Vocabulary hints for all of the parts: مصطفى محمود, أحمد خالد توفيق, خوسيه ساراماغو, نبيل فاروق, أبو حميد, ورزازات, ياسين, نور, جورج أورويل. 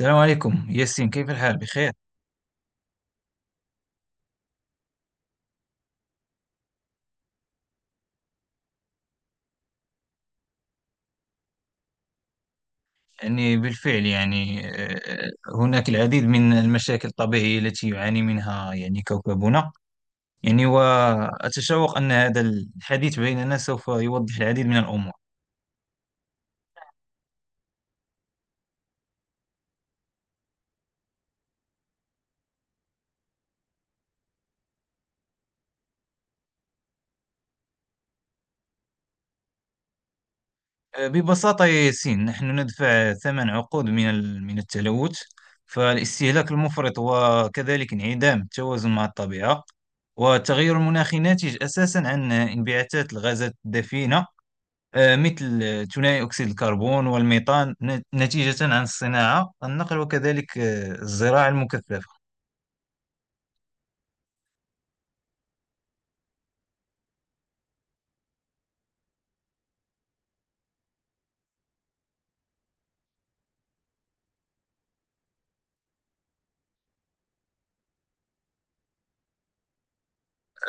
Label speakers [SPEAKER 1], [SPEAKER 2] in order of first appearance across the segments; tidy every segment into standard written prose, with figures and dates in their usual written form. [SPEAKER 1] السلام عليكم ياسين، كيف الحال؟ بخير. يعني بالفعل يعني آه، هناك العديد من المشاكل الطبيعية التي يعاني منها كوكبنا. وأتشوق أن هذا الحديث بيننا سوف يوضح العديد من الأمور. ببساطة يا ياسين، نحن ندفع ثمن عقود من من التلوث. فالاستهلاك المفرط وكذلك انعدام التوازن مع الطبيعة والتغير المناخي ناتج أساسا عن انبعاثات الغازات الدفيئة، مثل ثنائي أكسيد الكربون والميثان، نتيجة عن الصناعة، النقل وكذلك الزراعة المكثفة.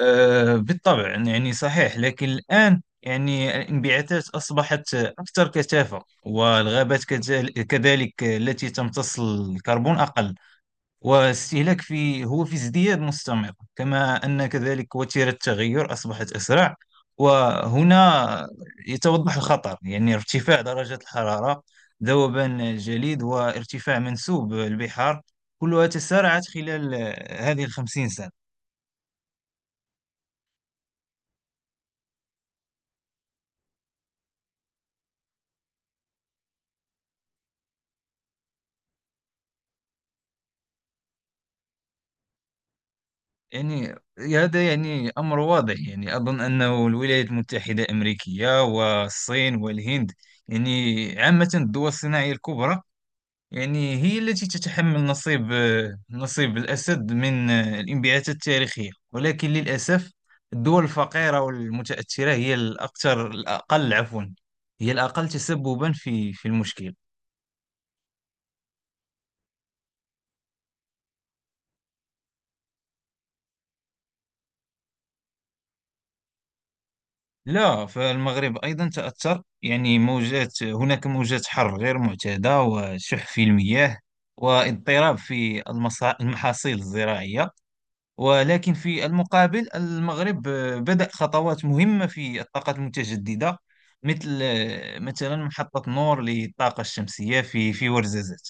[SPEAKER 1] بالطبع صحيح، لكن الآن الانبعاثات أصبحت أكثر كثافة، والغابات كذلك التي تمتص الكربون أقل، واستهلاك في ازدياد مستمر، كما أن كذلك وتيرة التغير أصبحت أسرع. وهنا يتوضح الخطر، ارتفاع درجة الحرارة، ذوبان الجليد وارتفاع منسوب البحار كلها تسارعت خلال هذه الخمسين سنة. يعني هذا أمر واضح، أظن أنه الولايات المتحدة الأمريكية والصين والهند، عامة الدول الصناعية الكبرى، هي التي تتحمل نصيب الأسد من الانبعاثات التاريخية. ولكن للأسف، الدول الفقيرة والمتأثرة هي الأقل، عفوا، هي الأقل تسببا في المشكل. لا، فالمغرب أيضا تأثر، يعني موجات هناك موجات حر غير معتادة وشح في المياه واضطراب في المحاصيل الزراعية. ولكن في المقابل، المغرب بدأ خطوات مهمة في الطاقة المتجددة، مثلا محطة نور للطاقة الشمسية في ورزازات.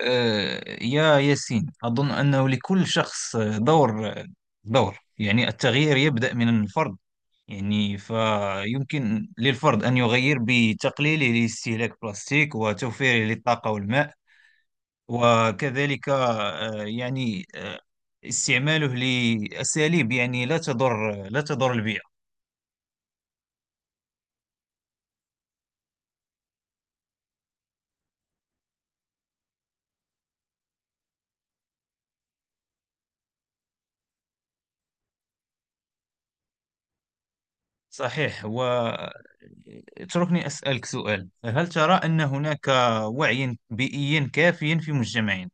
[SPEAKER 1] يا ياسين، أظن أنه لكل شخص دور. التغيير يبدأ من الفرد. فيمكن للفرد أن يغير بتقليله لاستهلاك البلاستيك وتوفيره للطاقة والماء، وكذلك استعماله لأساليب لا تضر البيئة. صحيح. واتركني أسألك سؤال، هل ترى أن هناك وعي بيئي كافي في مجتمعنا؟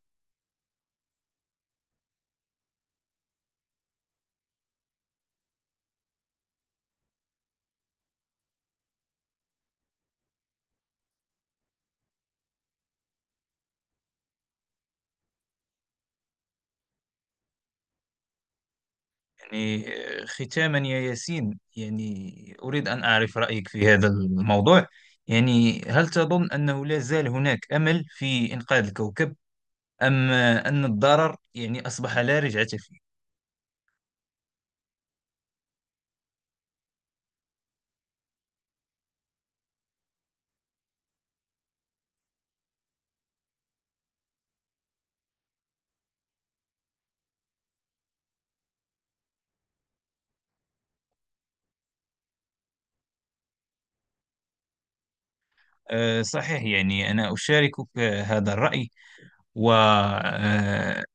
[SPEAKER 1] يعني ختاما يا ياسين، أريد أن أعرف رأيك في هذا الموضوع. هل تظن أنه لا زال هناك أمل في إنقاذ الكوكب، أم أن الضرر أصبح لا رجعة فيه؟ صحيح، أنا أشاركك هذا الرأي والتأثيرات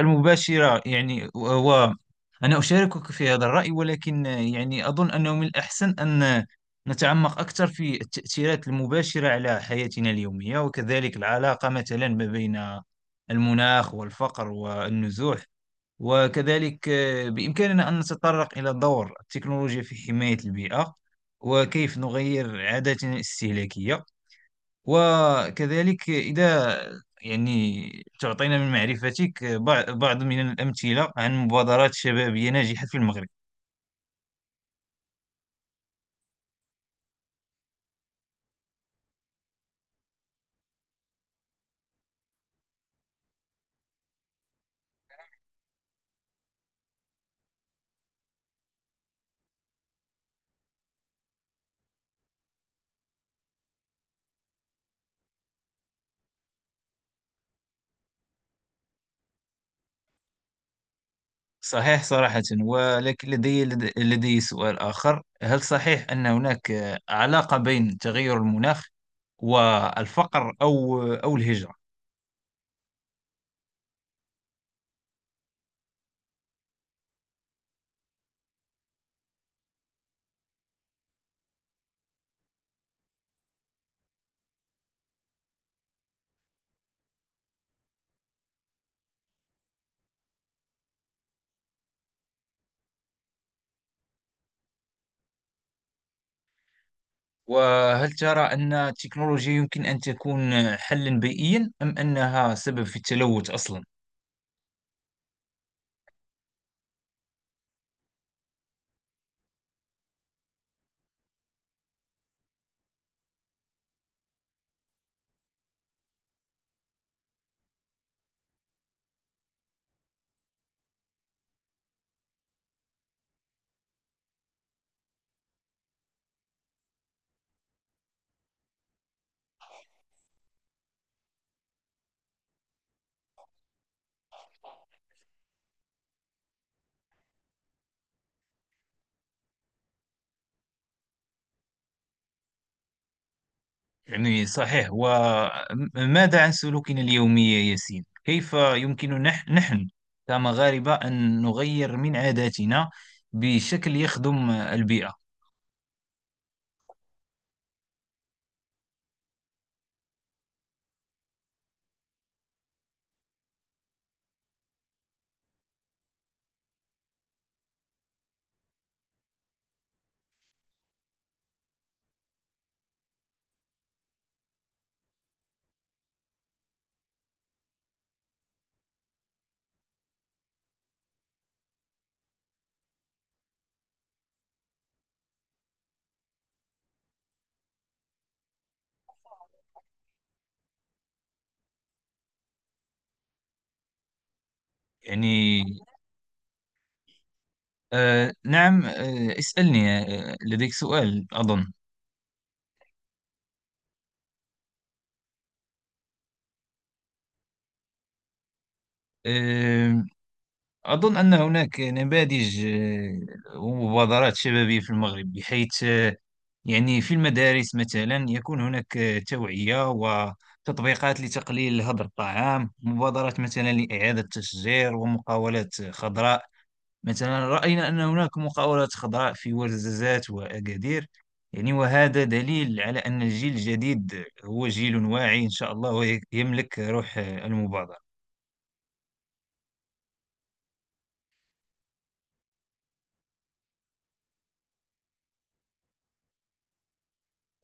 [SPEAKER 1] المباشرة. أنا أشاركك في هذا الرأي، ولكن أظن أنه من الأحسن أن نتعمق أكثر في التأثيرات المباشرة على حياتنا اليومية، وكذلك العلاقة مثلا ما بين المناخ والفقر والنزوح. وكذلك بإمكاننا أن نتطرق إلى دور التكنولوجيا في حماية البيئة، وكيف نغير عاداتنا الاستهلاكية. وكذلك إذا يعني تعطينا من معرفتك بعض من الأمثلة عن مبادرات شبابية ناجحة في المغرب. صحيح صراحة، ولكن لدي سؤال آخر، هل صحيح أن هناك علاقة بين تغير المناخ والفقر أو الهجرة؟ وهل ترى أن التكنولوجيا يمكن أن تكون حلا بيئيا، أم أنها سبب في التلوث أصلا؟ صحيح. وماذا عن سلوكنا اليومي يا ياسين؟ كيف يمكن نحن كمغاربة أن نغير من عاداتنا بشكل يخدم البيئة؟ يعني نعم، اسألني، لديك سؤال أظن. آه أظن أن هناك نماذج ومبادرات شبابية في المغرب، بحيث في المدارس مثلا يكون هناك توعية وتطبيقات لتقليل هدر الطعام، مبادرات مثلا لإعادة تشجير، ومقاولات خضراء. مثلا رأينا أن هناك مقاولات خضراء في ورزازات وأكادير. وهذا دليل على أن الجيل الجديد هو جيل واعي إن شاء الله، ويملك روح المبادرة.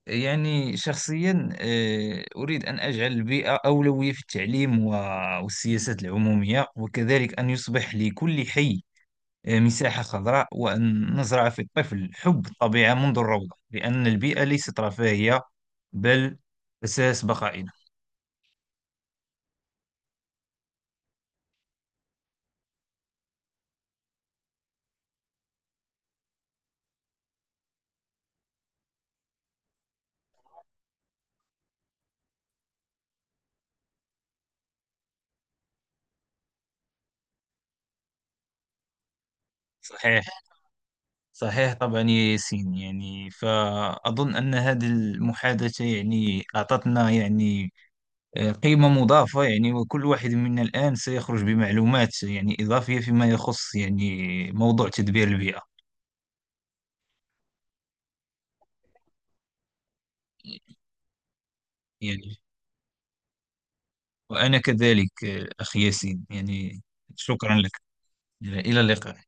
[SPEAKER 1] شخصيا أريد أن أجعل البيئة أولوية في التعليم والسياسات العمومية، وكذلك أن يصبح لكل حي مساحة خضراء، وأن نزرع في الطفل حب الطبيعة منذ الروضة، لأن البيئة ليست رفاهية، بل أساس بقائنا. صحيح، صحيح طبعا يا ياسين. فأظن أن هذه المحادثة أعطتنا قيمة مضافة، وكل واحد منا الآن سيخرج بمعلومات إضافية فيما يخص موضوع تدبير البيئة. يعني وأنا كذلك أخي ياسين. شكرا لك، إلى اللقاء.